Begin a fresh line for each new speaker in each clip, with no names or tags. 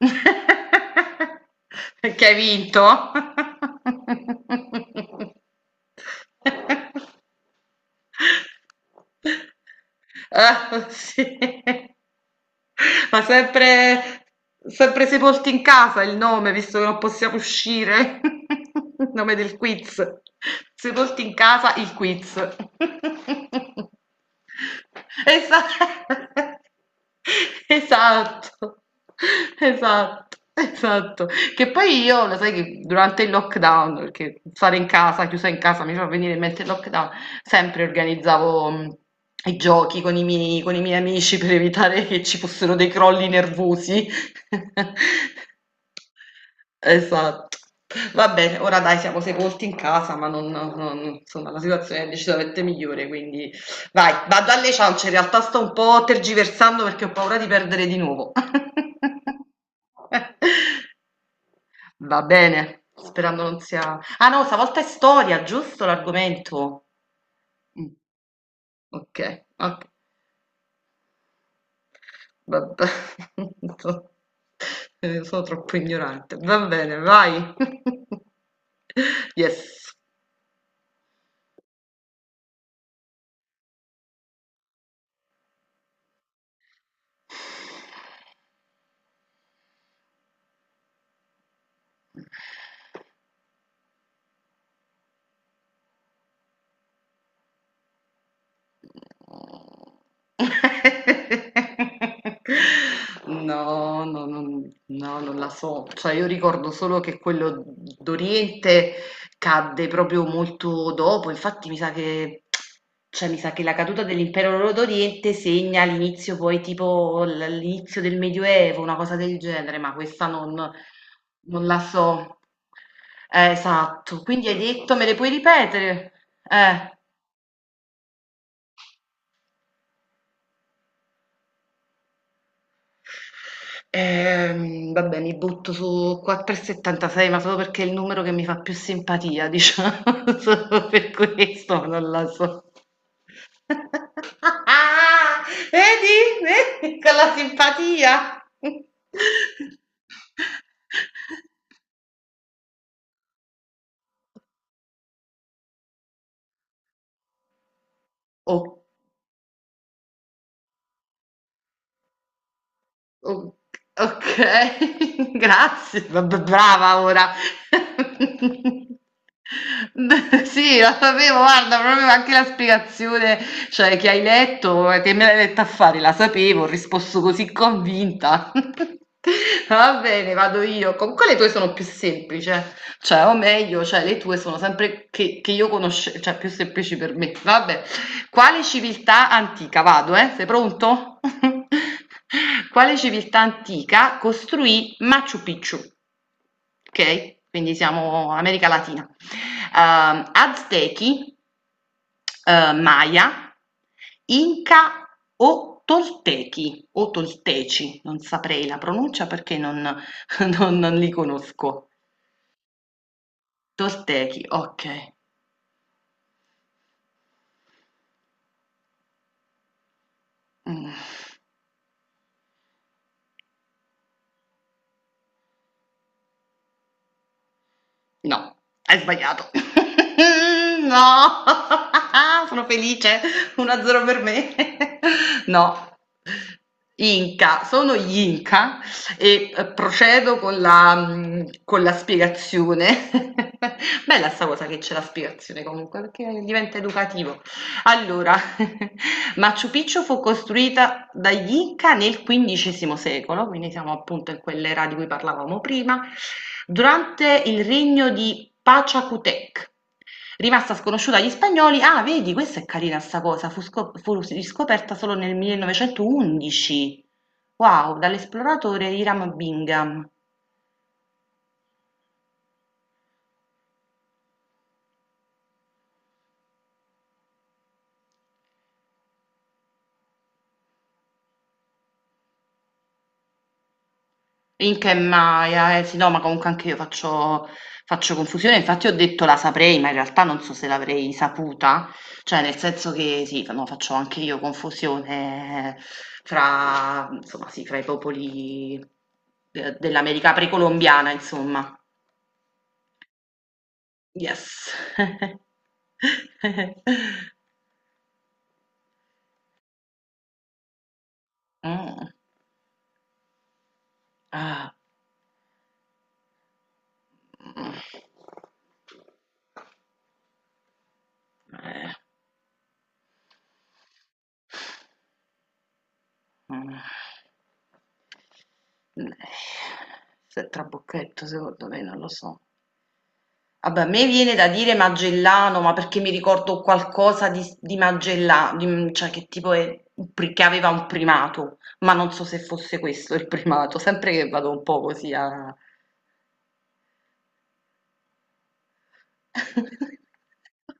Perché hai vinto? Ah, sì. Ma sempre, sempre Sepolti in casa il nome, visto che non possiamo uscire. Il nome del quiz. Sepolti in casa, il quiz. Esa- Esatto, esatto, esatto. Che poi io, lo sai che durante il lockdown, perché stare in casa, chiusa in casa, mi fa venire in mente il lockdown, sempre organizzavo, i giochi con i miei amici per evitare che ci fossero dei crolli nervosi. Esatto. Va bene, ora dai siamo sepolti in casa, ma non insomma la situazione è decisamente migliore, quindi vai, vado alle ciance, in realtà sto un po' tergiversando perché ho paura di perdere di nuovo. Va bene, sperando non sia ah no, stavolta è storia, giusto l'argomento? Mh. Okay, ok, vabbè. So sono troppo ignorante. Va bene, vai. Yes. No, no, non la so. Cioè, io ricordo solo che quello d'Oriente cadde proprio molto dopo. Infatti, cioè, mi sa che la caduta dell'impero d'Oriente segna l'inizio, poi, tipo, l'inizio del Medioevo, una cosa del genere, ma questa non, non la so. Esatto. Quindi hai detto, me le puoi ripetere? Eh. Vabbè, mi butto su 4,76, ma solo perché è il numero che mi fa più simpatia, diciamo, solo per questo, ma non la so. Vedi? Vedi? Con la simpatia. Oh. O okay, grazie. B b brava ora. Beh, sì, lo sapevo, guarda, proprio anche la spiegazione, cioè, che hai letto, che me l'hai letta a fare, la sapevo, ho risposto così convinta. Va bene, vado io. Comunque le tue sono più semplici, eh. Cioè, o meglio, cioè, le tue sono sempre che io conoscevo, cioè, più semplici per me. Vabbè. Quale civiltà antica, vado sei pronto? Quale civiltà antica costruì Machu Picchu? Ok, quindi siamo America Latina. Aztechi, Maya, Inca o Toltechi o Tolteci, non saprei la pronuncia perché non, non li conosco. Toltechi, ok. Mm. No, hai sbagliato. No, sono felice, 1-0 per me. No, Inca, sono gli Inca e procedo con la spiegazione. Bella sta cosa che c'è la spiegazione comunque, perché diventa educativo. Allora, Machu Picchu fu costruita dagli Inca nel XV secolo, quindi siamo appunto in quell'era di cui parlavamo prima, durante il regno di Pachacutec. Rimasta sconosciuta agli spagnoli, ah, vedi, questa è carina sta cosa, fu riscoperta solo nel 1911. Wow, dall'esploratore Hiram Bingham. In che Maya, eh sì, no, ma comunque anche io faccio confusione. Infatti, ho detto la saprei, ma in realtà non so se l'avrei saputa. Cioè, nel senso che sì, no, faccio anche io confusione fra, insomma, sì, fra i popoli dell'America precolombiana, insomma. Yes. Mm, ah, mm, eh, mm. Eh, Se è trabocchetto, secondo me, non lo so. Vabbè, a me viene da dire Magellano, ma perché mi ricordo qualcosa di Magellano, cioè che tipo è, che aveva un primato, ma non so se fosse questo il primato, sempre che vado un po' così a.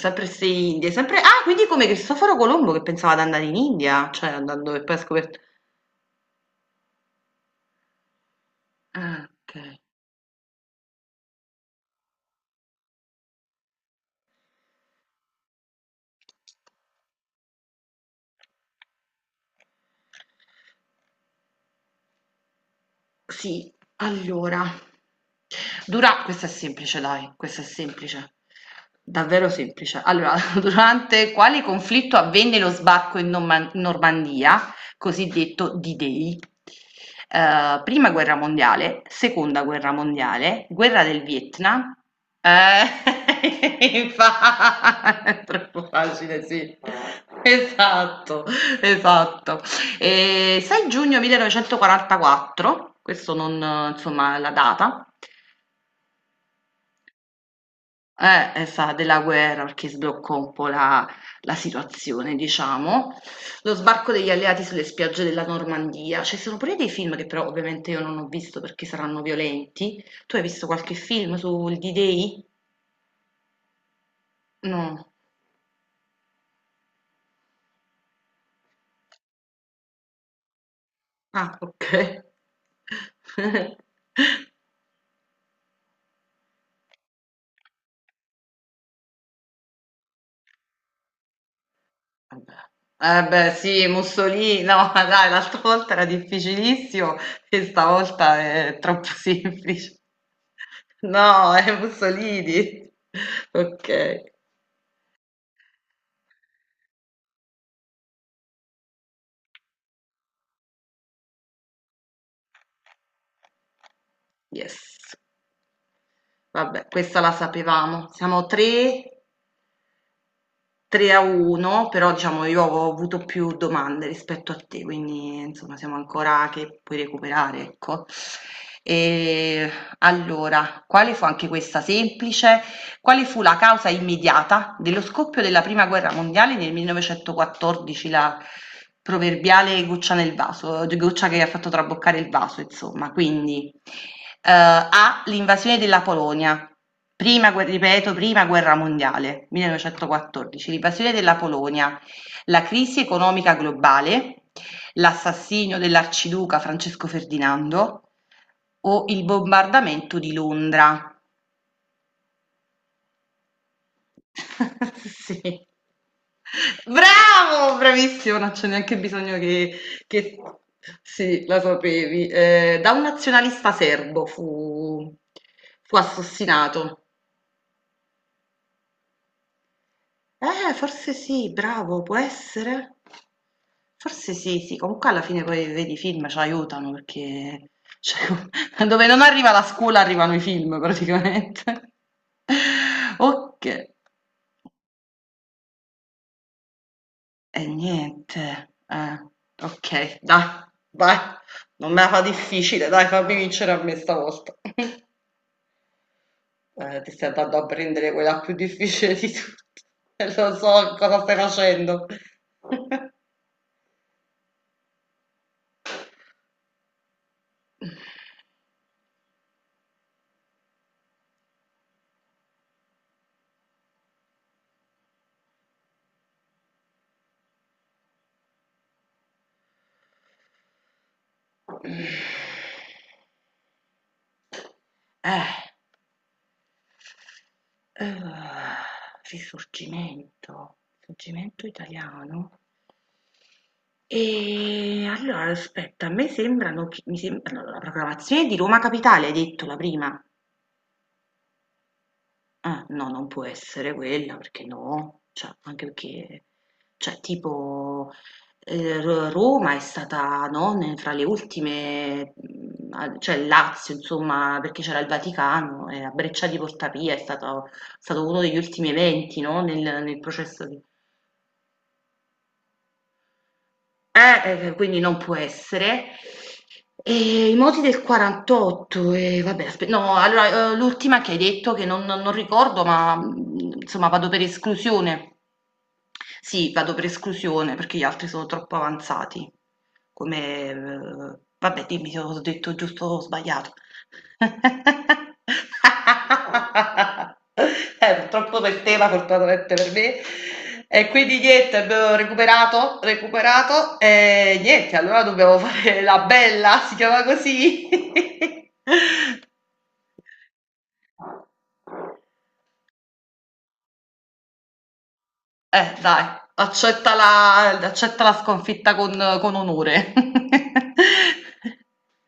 Sempre se Indie, sempre. Ah, quindi come Cristoforo Colombo che pensava di andare in India, cioè andando e poi ha scoperto. Ah, ok. Sì, allora, dura questa è semplice dai, questa è semplice, davvero semplice. Allora, durante quale conflitto avvenne lo sbarco in Normandia, cosiddetto D-Day? Prima guerra mondiale, seconda guerra mondiale, guerra del Vietnam. Eh, è troppo facile, sì. Esatto, esatto. E 6 giugno 1944, questo non insomma, la data, è stata della guerra perché sbloccò un po' la situazione, diciamo. Lo sbarco degli alleati sulle spiagge della Normandia. Ci sono pure dei film che però ovviamente io non ho visto perché saranno violenti. Tu hai visto qualche film sul D-Day? No. Ah, ok. Eh beh sì, Mussolini, no dai, l'altra volta era difficilissimo e stavolta è troppo semplice. No, è Mussolini. Ok, yes. Vabbè, questa la sapevamo. Siamo 3, 3 a 1, però diciamo io ho avuto più domande rispetto a te, quindi insomma siamo ancora che puoi recuperare, ecco. E allora, quale fu anche questa semplice? Quale fu la causa immediata dello scoppio della prima guerra mondiale nel 1914, la proverbiale goccia nel vaso, goccia che ha fatto traboccare il vaso, insomma. Quindi, A, l'invasione della Polonia, prima, ripeto, prima guerra mondiale, 1914, l'invasione della Polonia, la crisi economica globale, l'assassinio dell'arciduca Francesco Ferdinando o il bombardamento di Londra. Sì. Bravo, bravissimo, non c'è neanche bisogno che- Sì, la sapevi. Da un nazionalista serbo fu assassinato. Forse sì, bravo, può essere. Forse sì, sì, comunque alla fine poi vedi i film ci aiutano perché cioè, dove non arriva la scuola arrivano i film praticamente. Ok. E niente, ok, dai, vai, non me la fa difficile, dai, fammi vincere a me stavolta. Ti stai andando a prendere quella più difficile di tutte, e lo so cosa stai facendo. Eh, eh, Risorgimento, risorgimento italiano. E allora, aspetta, a me sembrano, che- mi sembrano la proclamazione di Roma Capitale, hai detto la prima. No, non può essere quella perché no, cioè, anche perché, cioè, tipo, Roma è stata, no, fra le ultime, cioè il Lazio, insomma, perché c'era il Vaticano, e a Breccia di Portapia è stato uno degli ultimi eventi, no, nel processo di. Quindi non può essere. E i moti del 48, e vabbè, no, allora, l'ultima che hai detto che non ricordo, ma insomma vado per esclusione. Sì, vado per esclusione perché gli altri sono troppo avanzati. Come, vabbè, dimmi se ho detto giusto o sbagliato. Purtroppo per te, ma fortunatamente per me. E quindi niente, abbiamo recuperato, recuperato e niente, allora dobbiamo fare la bella, si chiama così. Dai, accetta la sconfitta con onore.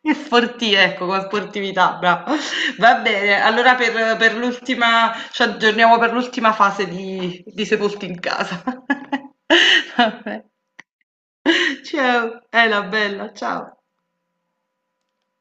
E sporti ecco, con sportività, brava. Va bene, allora per l'ultima ci aggiorniamo per l'ultima fase di Sepolti in casa. Vabbè. Ciao, ela bella, ciao.